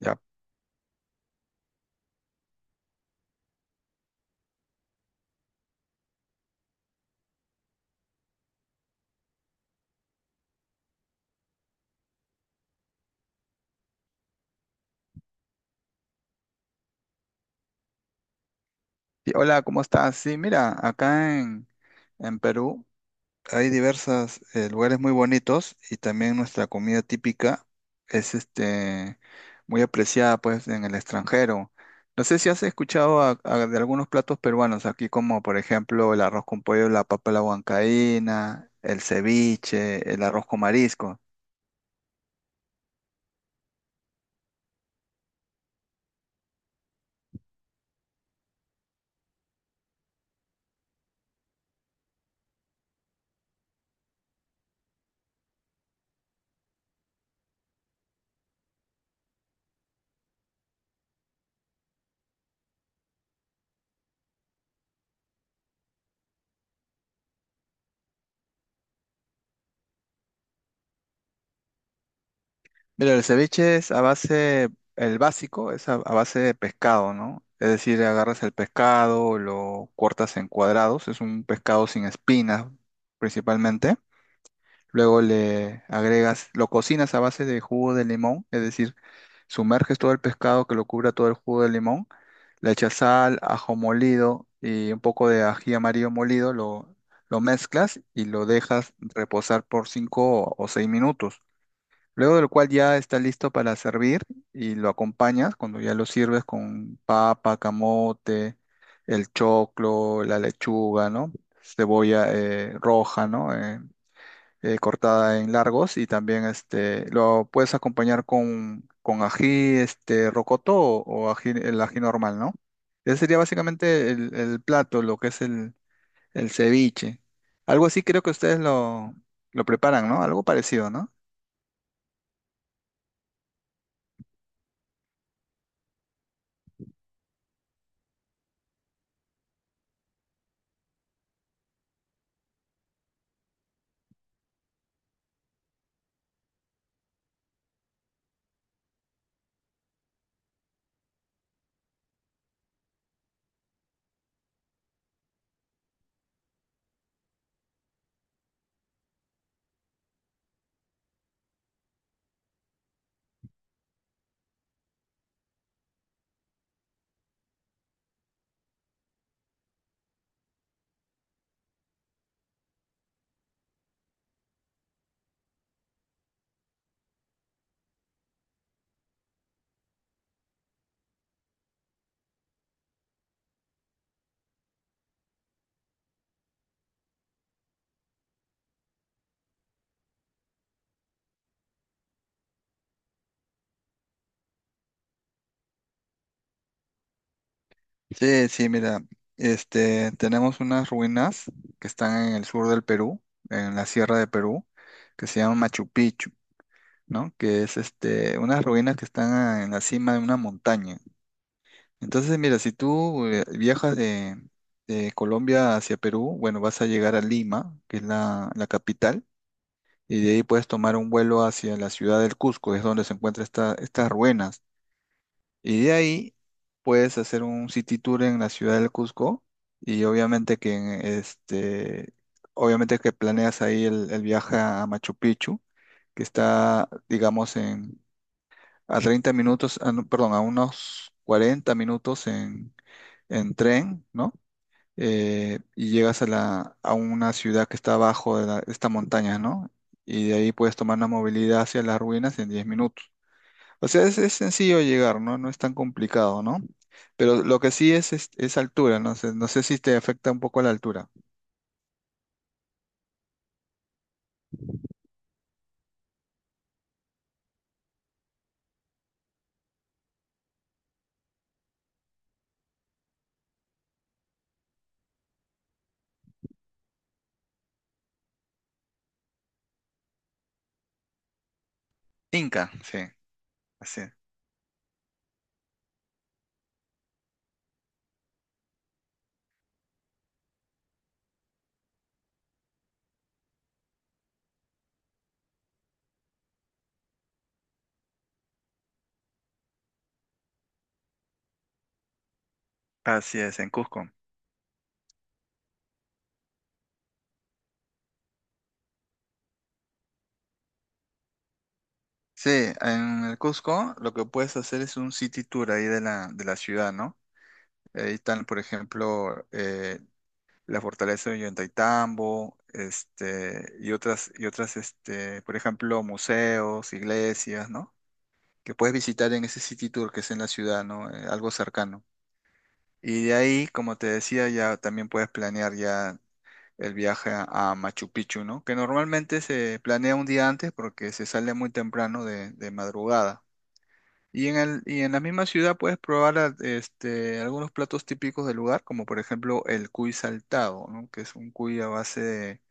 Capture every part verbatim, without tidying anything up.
Ya. Y Hola, ¿cómo estás? Sí, mira, acá en, en Perú hay diversos lugares muy bonitos y también nuestra comida típica es este, muy apreciada pues en el extranjero. No sé si has escuchado a- a- de algunos platos peruanos aquí como por ejemplo el arroz con pollo, la papa a la huancaína, el ceviche, el arroz con marisco. Mira, el ceviche es a base, el básico es a, a base de pescado, ¿no? Es decir, agarras el pescado, lo cortas en cuadrados, es un pescado sin espinas principalmente. Luego le agregas, lo cocinas a base de jugo de limón, es decir, sumerges todo el pescado que lo cubra todo el jugo de limón, le echas sal, ajo molido y un poco de ají amarillo molido, lo, lo mezclas y lo dejas reposar por cinco o seis minutos. Luego del cual ya está listo para servir y lo acompañas cuando ya lo sirves con papa, camote, el choclo, la lechuga, ¿no? Cebolla eh, roja, ¿no? Eh, eh, cortada en largos y también este, lo puedes acompañar con, con ají este, rocoto o, o ají, el ají normal, ¿no? Ese sería básicamente el, el plato, lo que es el, el ceviche. Algo así creo que ustedes lo, lo preparan, ¿no? Algo parecido, ¿no? Sí, sí, mira, este, tenemos unas ruinas que están en el sur del Perú, en la sierra de Perú, que se llaman Machu Picchu, ¿no? Que es este, unas ruinas que están a- en la cima de una montaña. Entonces, mira, si tú eh, viajas de, de Colombia hacia Perú, bueno, vas a llegar a Lima, que es la, la capital, y de ahí puedes tomar un vuelo hacia la ciudad del Cusco, es donde se encuentran esta- estas ruinas. Y de ahí puedes hacer un city tour en la ciudad del Cusco y obviamente que en este, obviamente que planeas ahí el, el viaje a Machu Picchu, que está, digamos, en a treinta minutos, ah, no, perdón, a unos cuarenta minutos en, en tren, ¿no? Eh, y llegas a la, a una ciudad que está abajo de la- esta montaña, ¿no? Y de ahí puedes tomar la movilidad hacia las ruinas en diez minutos. O sea, es, es sencillo llegar, ¿no? No es tan complicado, ¿no? Pero lo que sí es, es, es altura, no sé, no sé si te afecta un poco la altura. Inca, sí, así, así es, en Cusco. Sí, en el Cusco lo que puedes hacer es un city tour ahí de la, de la ciudad, ¿no? Ahí están, por ejemplo, eh, la fortaleza de Ollantaytambo, este, y otras, y otras, este, por ejemplo, museos, iglesias, ¿no? Que puedes visitar en ese city tour que es en la ciudad, ¿no? Eh, algo cercano. Y de ahí, como te decía, ya también puedes planear ya el viaje a a Machu Picchu, ¿no? Que normalmente se planea un día antes porque se sale muy temprano de, de madrugada. Y en el, y en la misma ciudad puedes probar a- este, algunos platos típicos del lugar, como por ejemplo el cuy saltado, ¿no? Que es un cuy a base de,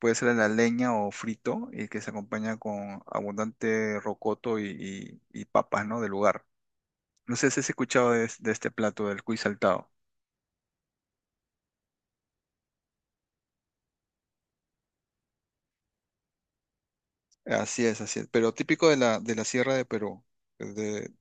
puede ser a la leña o frito, y que se acompaña con abundante rocoto y, y- y papas, ¿no? Del lugar. No sé si has escuchado de, de este plato del cuy saltado. Así es, así es. Pero típico de la, de la Sierra de Perú. De-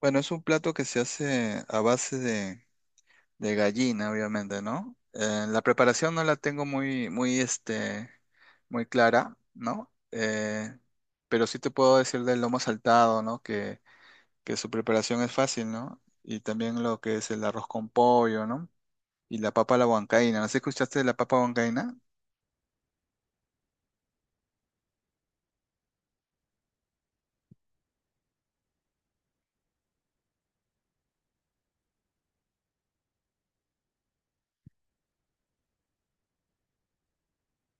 bueno, es un plato que se hace a base de, de gallina, obviamente, ¿no? Eh, la preparación no la tengo muy, muy, este, muy clara, ¿no? Eh, pero sí te puedo decir del lomo saltado, ¿no? Que, que su preparación es fácil, ¿no? Y también lo que es el arroz con pollo, ¿no? Y la papa a la huancaína. ¿No sé si escuchaste de la papa huancaína?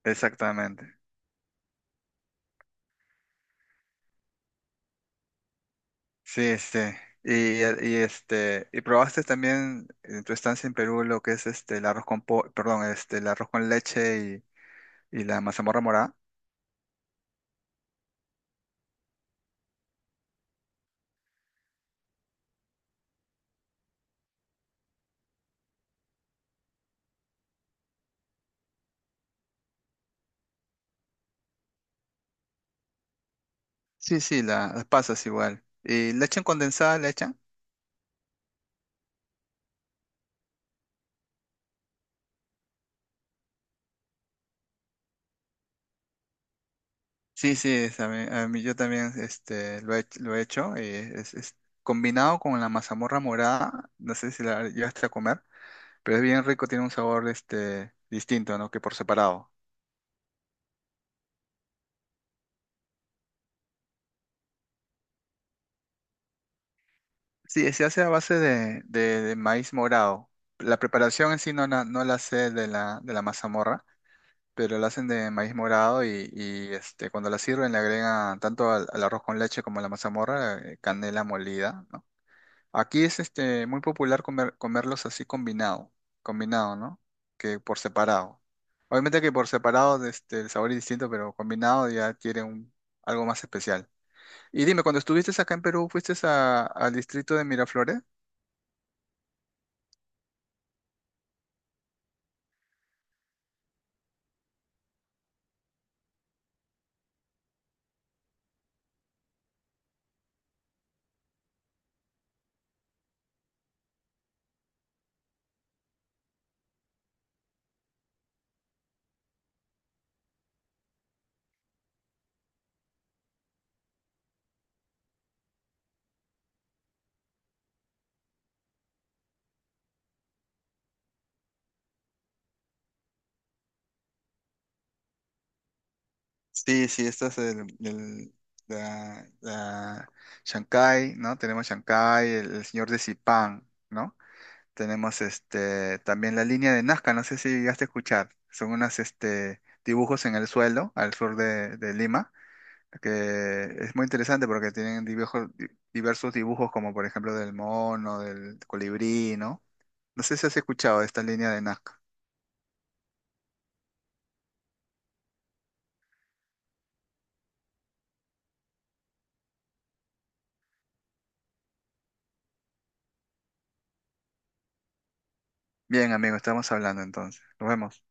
Exactamente. Sí, este. Y, y, este. ¿Y probaste también en tu estancia en Perú lo que es este el arroz con po- perdón, este, el arroz con leche y, y la mazamorra morada? Sí, sí, la- las pasas igual. ¿Y leche condensada le echan? Sí, sí, es a mí, a mí- yo también este, lo he, hech- lo he hecho. Y es, es combinado con la mazamorra morada, no sé si la llevaste a comer, pero es bien rico, tiene un sabor este, distinto, ¿no? Que por separado. Sí, se hace a base de, de- de maíz morado. La preparación en sí no la, no la sé de la, de la mazamorra, pero la hacen de maíz morado y, y, este, cuando la sirven le agregan tanto al, al arroz con leche como a la mazamorra eh, canela molida, ¿no? Aquí es este, muy popular comer- comerlos así combinado, combinado, ¿no? Que por separado. Obviamente que por separado este, el sabor es distinto, pero combinado ya adquiere un, algo más especial. Y dime, cuando estuviste acá en Perú, ¿fuiste a- al distrito de Miraflores? Sí, sí, esta es el, el- la, la Shanghái, ¿no? Tenemos Shanghái, el, el señor de Zipán, ¿no? Tenemos este también la línea de Nazca, no sé si llegaste a escuchar. Son unos este, dibujos en el suelo, al sur de, de Lima, que es muy interesante porque tienen dibujo- di- diversos dibujos, como por ejemplo del mono, del colibrí, ¿no? No sé si has escuchado esta línea de Nazca. Bien, amigo, estamos hablando entonces. Nos vemos.